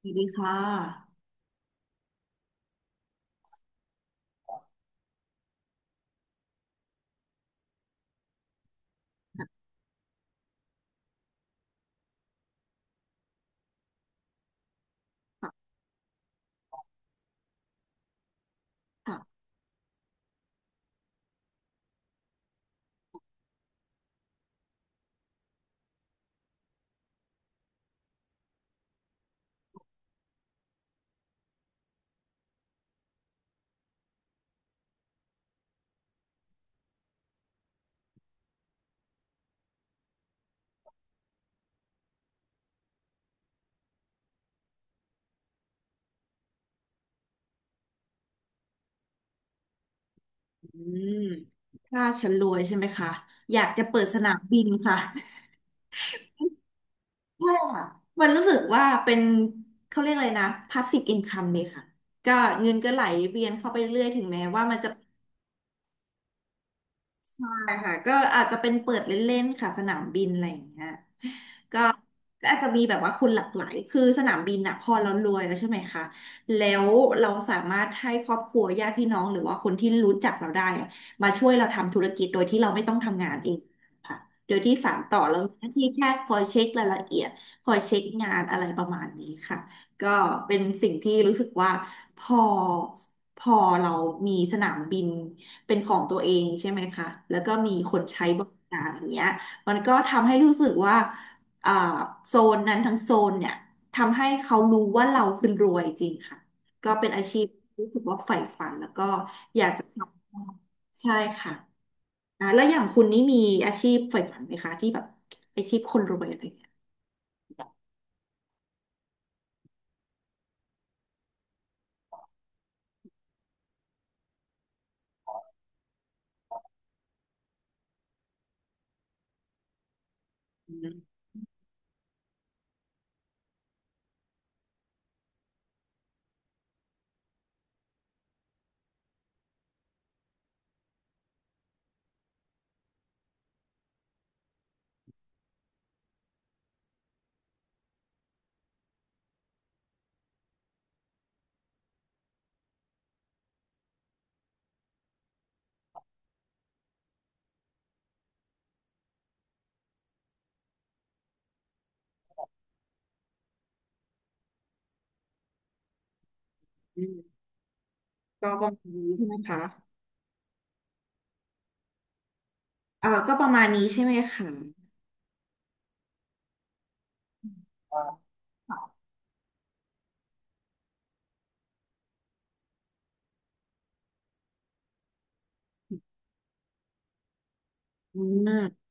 สวัสดีค่ะอืมถ้าฉันรวยใช่ไหมคะ อยากจะเปิดสนามบินค่ะใช่ค่ะมันรู้สึกว่าเป็นเขาเรียกอะไรนะ passive income เลยค่ะ ก็เงินก็ไหลเวียนเข้าไปเรื่อยถึงแม้ว่ามันจะใช่ค่ะ ก็อาจจะเป็นเปิดเล่นๆค่ะสนามบินอะไรอย่างเงี้ย ก็ก็อาจจะมีแบบว่าคนหลากหลาย คือสนามบินอะพอเรารวยแล้วใช่ไหมคะ แล้วเราสามารถให้ครอบครัวญาติพี่น้องหรือว่าคนที่รู้จักเราได้อะมาช่วยเราทำธุรกิจโดยที่เราไม่ต้องทำงานเองค่ะโดยที่สานต่อเรามีหน้าที่แค่คอยเช็ครายละเอียด คอยเช็คงานอะไรประมาณนี้ค่ะ ก็เป็นสิ่งที่รู้สึกว่าพอพอเรามีสนามบินเป็นของตัวเองใช่ไหมคะแล้วก็มีคนใช้บริการอย่างเงี้ยมันก็ทำให้รู้สึกว่า เอ่อโซนนั้นทั้งโซนเนี่ยทำให้เขารู้ว่าเราคือรวยจริงค่ะก็เป็นอาชีพที่รู้สึกว่าใฝ่ฝันแล้วก็อยากจะทำใช่ค่ะอ่าแล้วอย่างคุณนี่มีอาชีพใฝ่ฝันไหมคะที่แบบอาชีพคนรวยอะไรอย่างเงี้ยอืมก็ประมาณนี้ใช่ไหมคะเอ่าก็ประมาณนี้ใช่ไหมคะอืม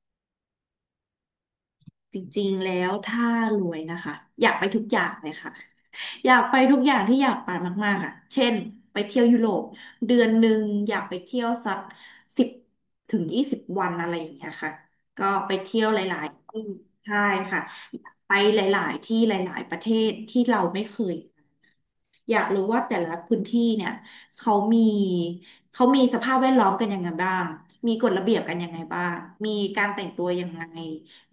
จริงๆ แล้วถ้ารวยนะคะอยากไปทุกอย่างเลยค่ะอยากไปทุกอย่างที่อยากไปมากๆอ่ะเช่นไปเที่ยวยุโรปเดือนหนึ่งอยากไปเที่ยวสัก10-20 วันอะไรอย่างเงี้ยค่ะก็ไปเที่ยวหลายๆที่ใช่ค่ะอยากไปหลายๆที่หลายๆประเทศที่เราไม่เคย อยากรู้ว่าแต่ละพื้นที่เนี่ยเขามีเขามีสภาพแวดล้อมกันยังไงบ้างมีกฎระเบียบกันยังไงบ้างมีการแต่งตัวยังไง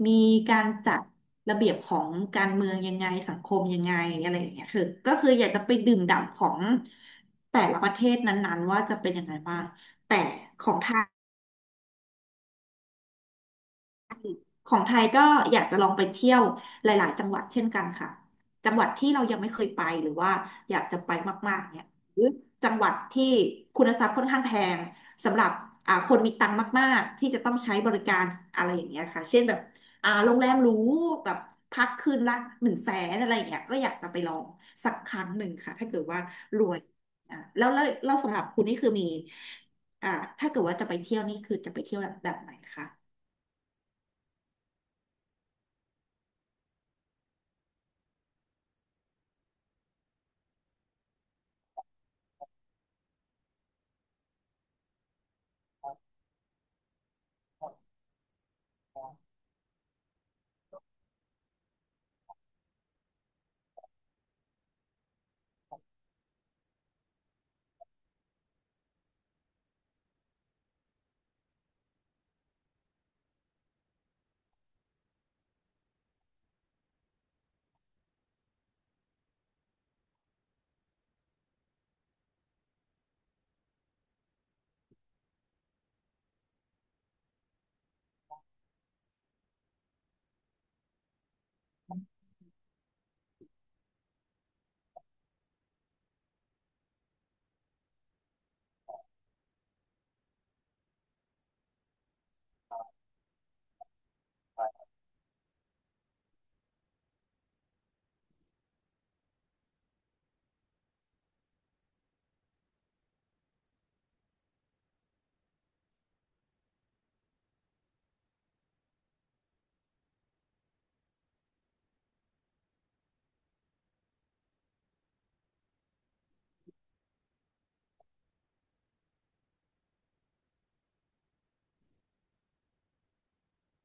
มีการจัดระเบียบของการเมืองยังไงสังคมยังไงอะไรอย่างเงี้ยก็คืออยากจะไปดื่มด่ำของแต่ละประเทศนั้นๆว่าจะเป็นยังไงบ้างแต่ของไทย ของไทยก็อยากจะลองไปเที่ยวหลายๆจังหวัดเช่นกันค่ะจังหวัดที่เรายังไม่เคยไปหรือว่าอยากจะไปมากๆเนี่ยหรือจังหวัดที่คุณทรัพย์ค่อนข้างแพงสำหรับคนมีตังค์มากๆที่จะต้องใช้บริการอะไรอย่างเงี้ยค่ะเช่นแบบโรงแรมหรูแบบพักคืนละ100,000อะไรอย่างเงี้ยก็อยากจะไปลองสักครั้งหนึ่งค่ะถ้าเกิดว่ารวยแล้วสำหรับคุณนี่คือมีอ่าถ้าเกิดว่าจะไปเที่ยวนี่คือจะไปเที่ยวแบบไหนคะ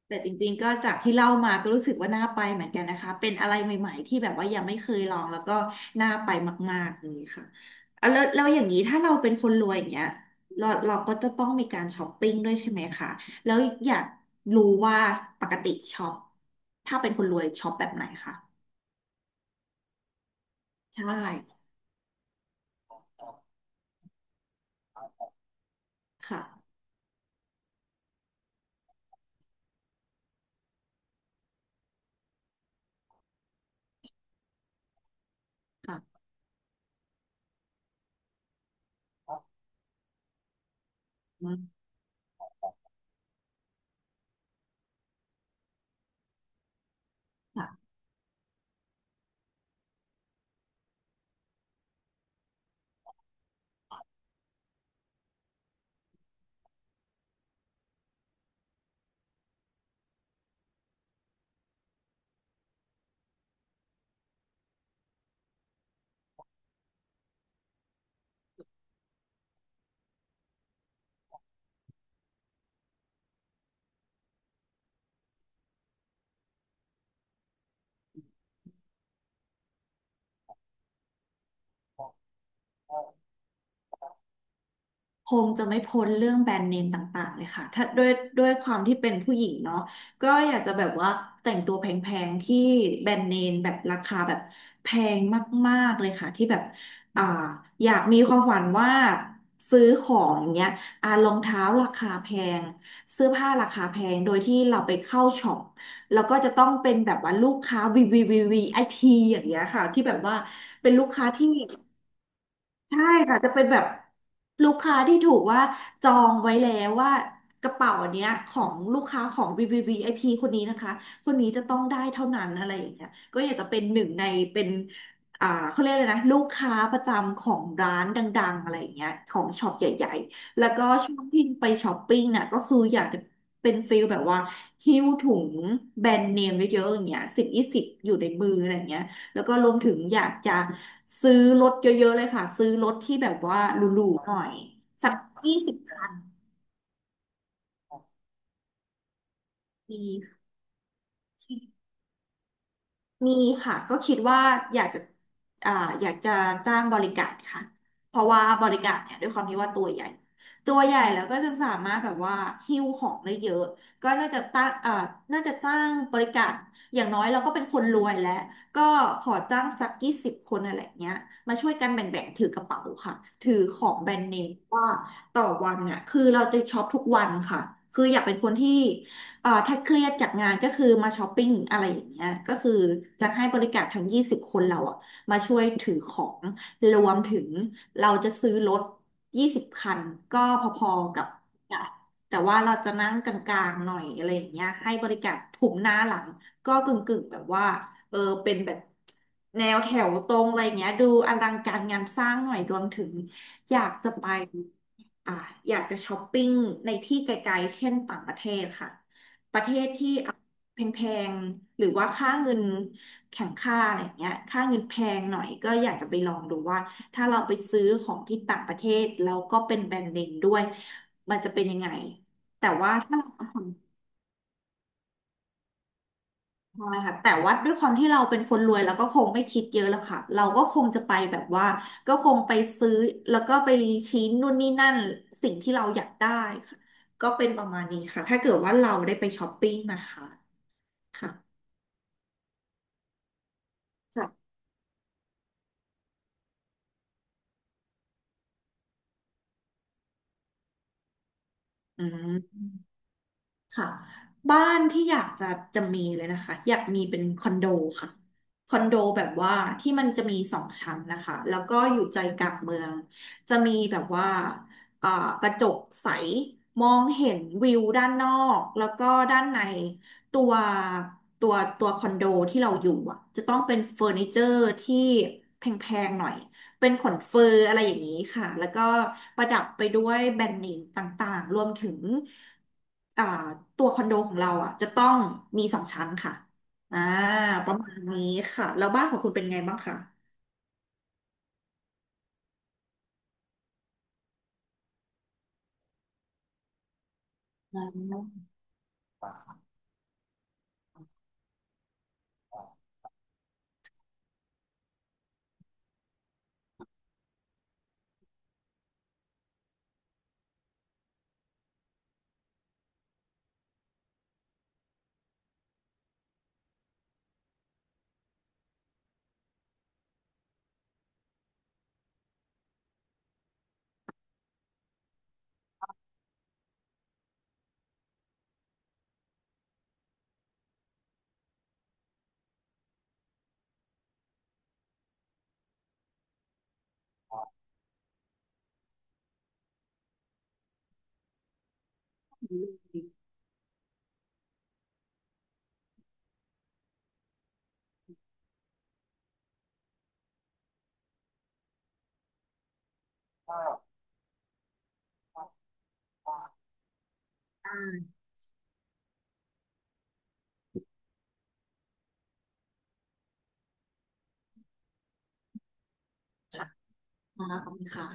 แต่จริงๆก็จากที่เล่ามาก็รู้สึกว่าน่าไปเหมือนกันนะคะเป็นอะไรใหม่ๆที่แบบว่ายังไม่เคยลองแล้วก็น่าไปมากๆเลยค่ะอ่ะแล้วอย่างนี้ถ้าเราเป็นคนรวยอย่างเงี้ยเราก็จะต้องมีการช้อปปิ้งด้วยใช่ไหมคะแล้วอยากรู้ว่าปกติช็อปถ้าเป็นคนรวยช็อปแบบไหนคะใช่ค่ะค่ะอืมค่ะ คงจะไม่พ้นเรื่องแบรนด์เนมต่างๆเลยค่ะถ้าด้วยความที่เป็นผู้หญิงเนาะก็อยากจะแบบว่าแต่งตัวแพงๆที่แบรนด์เนมแบบราคาแบบแพงมากๆ เลยค่ะที่แบบอ่าอยากมีความฝันว่าซื้อของอย่างเงี้ยรองเท้าราคาแพงเสื้อผ้าราคาแพงโดยที่เราไปเข้าช็อปแล้วก็จะต้องเป็นแบบว่าลูกค้า วีวีวีไอพีอย่างเงี้ยค่ะที่แบบว่าเป็นลูกค้าที่ ใช่ค่ะจะเป็นแบบลูกค้าที่ถูกว่าจองไว้แล้วว่ากระเป๋าเนี้ยของลูกค้าของวีวีวีไอพีคนนี้นะคะคนนี้จะต้องได้เท่านั้นอะไรอย่างเงี้ยก็อยากจะเป็นหนึ่งในเป็นเขาเรียกเลยนะลูกค้าประจำของร้านดังๆอะไรอย่างเงี้ยของช็อปใหญ่ๆแล้วก็ช่วงที่ไปช้อปปิ้งน่ะก็คืออยากจะเป็นฟิลแบบว่าหิ้วถุงแบรนด์เนมเยอะๆอย่างเงี้ย10-20อยู่ในมืออะไรอย่างเงี้ย แล้วก็รวมถึงอยากจะซื้อรถเยอะๆเลยค่ะ ซื้อรถที่แบบว่าหรูๆหน่อยสัก20 ปี มีค่ะก็คิดว่าอยากจะอ่าอยากจะจ้างบริการค่ะเพราะว่าบริการเนี่ยด้วยความที่ว่าตัวใหญ่ตัวใหญ่แล้วก็จะสามารถแบบว่าหิ้วของได้เยอะก็น่าจะตั้งอ่าน่าจะจ้างบริการอย่างน้อยเราก็เป็นคนรวยแล้วก็ขอจ้างสักยี่สิบคนอะไรเงี้ยมาช่วยกันแบ่งๆถือกระเป๋าค่ะถือของแบรนด์เนมว่าต่อวันน่ะคือเราจะช็อปทุกวันค่ะคืออยากเป็นคนที่ ถ้าเครียดจากงานก็คือมาช้อปปิ้งอะไรอย่างเงี้ยก็คือจะให้บริการทั้งยี่สิบคนเราอะมาช่วยถือของรวมถึงเราจะซื้อรถยี่สิบคันก็พอๆกับอ่ะแต่ว่าเราจะนั่งกลางๆหน่อยอะไรอย่างเงี้ยให้บริการถุมหน้าหลังก็กึ่งๆแบบว่าเออเป็นแบบแนวแถวตรงอะไรอย่างเงี้ยดูอลังการงานสร้างหน่อยรวมถึงอยากจะไปอ่าอยากจะช้อปปิ้งในที่ไกลๆเช่นต่างประเทศค่ะ ประเทศที่แพงๆหรือว่าค่าเงินแข่งค่าอะไรเงี้ยค่าเงินแพงหน่อยก็อยากจะไปลองดูว่าถ้าเราไปซื้อของที่ต่างประเทศแล้วก็เป็นแบรนด์เนมด้วยมันจะเป็นยังไงแต่ว่าถ้าเราพอค่ะแต่ว่าด้วยความที่เราเป็นคนรวยเราก็คงไม่คิดเยอะแล้วค่ะเราก็คงจะไปแบบว่าก็คงไปซื้อแล้วก็ไปชี้นู่นนี่นั่นสิ่งที่เราอยากได้ค่ะก็เป็นประมาณนี้ค่ะถ้าเกิดว่าเราได้ไปช้อปปิ้งนะคะค่ะค่ะอืม ค่ะบ้านที่อยากจะจะมีเลยนะคะอยากมีเป็นคอนโดค่ะคอนโดแบบว่าที่มันจะมีสองชั้นนะคะแล้วก็อยู่ใจกลางเมืองจะมีแบบว่าอ่ากระจกใสมองเห็นวิวด้านนอกแล้วก็ด้านในตัวตัวคอนโดที่เราอยู่อ่ะจะต้องเป็นเฟอร์นิเจอร์ที่แพงๆหน่อย เป็นขนเฟอร์อะไรอย่างนี้ค่ะ แล้วก็ประดับไปด้วยแบรนด์เนมต่างๆ รวมถึงอ่าตัวคอนโดของเราอ่ะจะต้องมีสองชั้นค่ะอ่าประมาณนี้ค่ะ แล้วบ้านของคุณเป็นไงบ้างคะอ่าอ่าค่ะขอบคุณค่ะ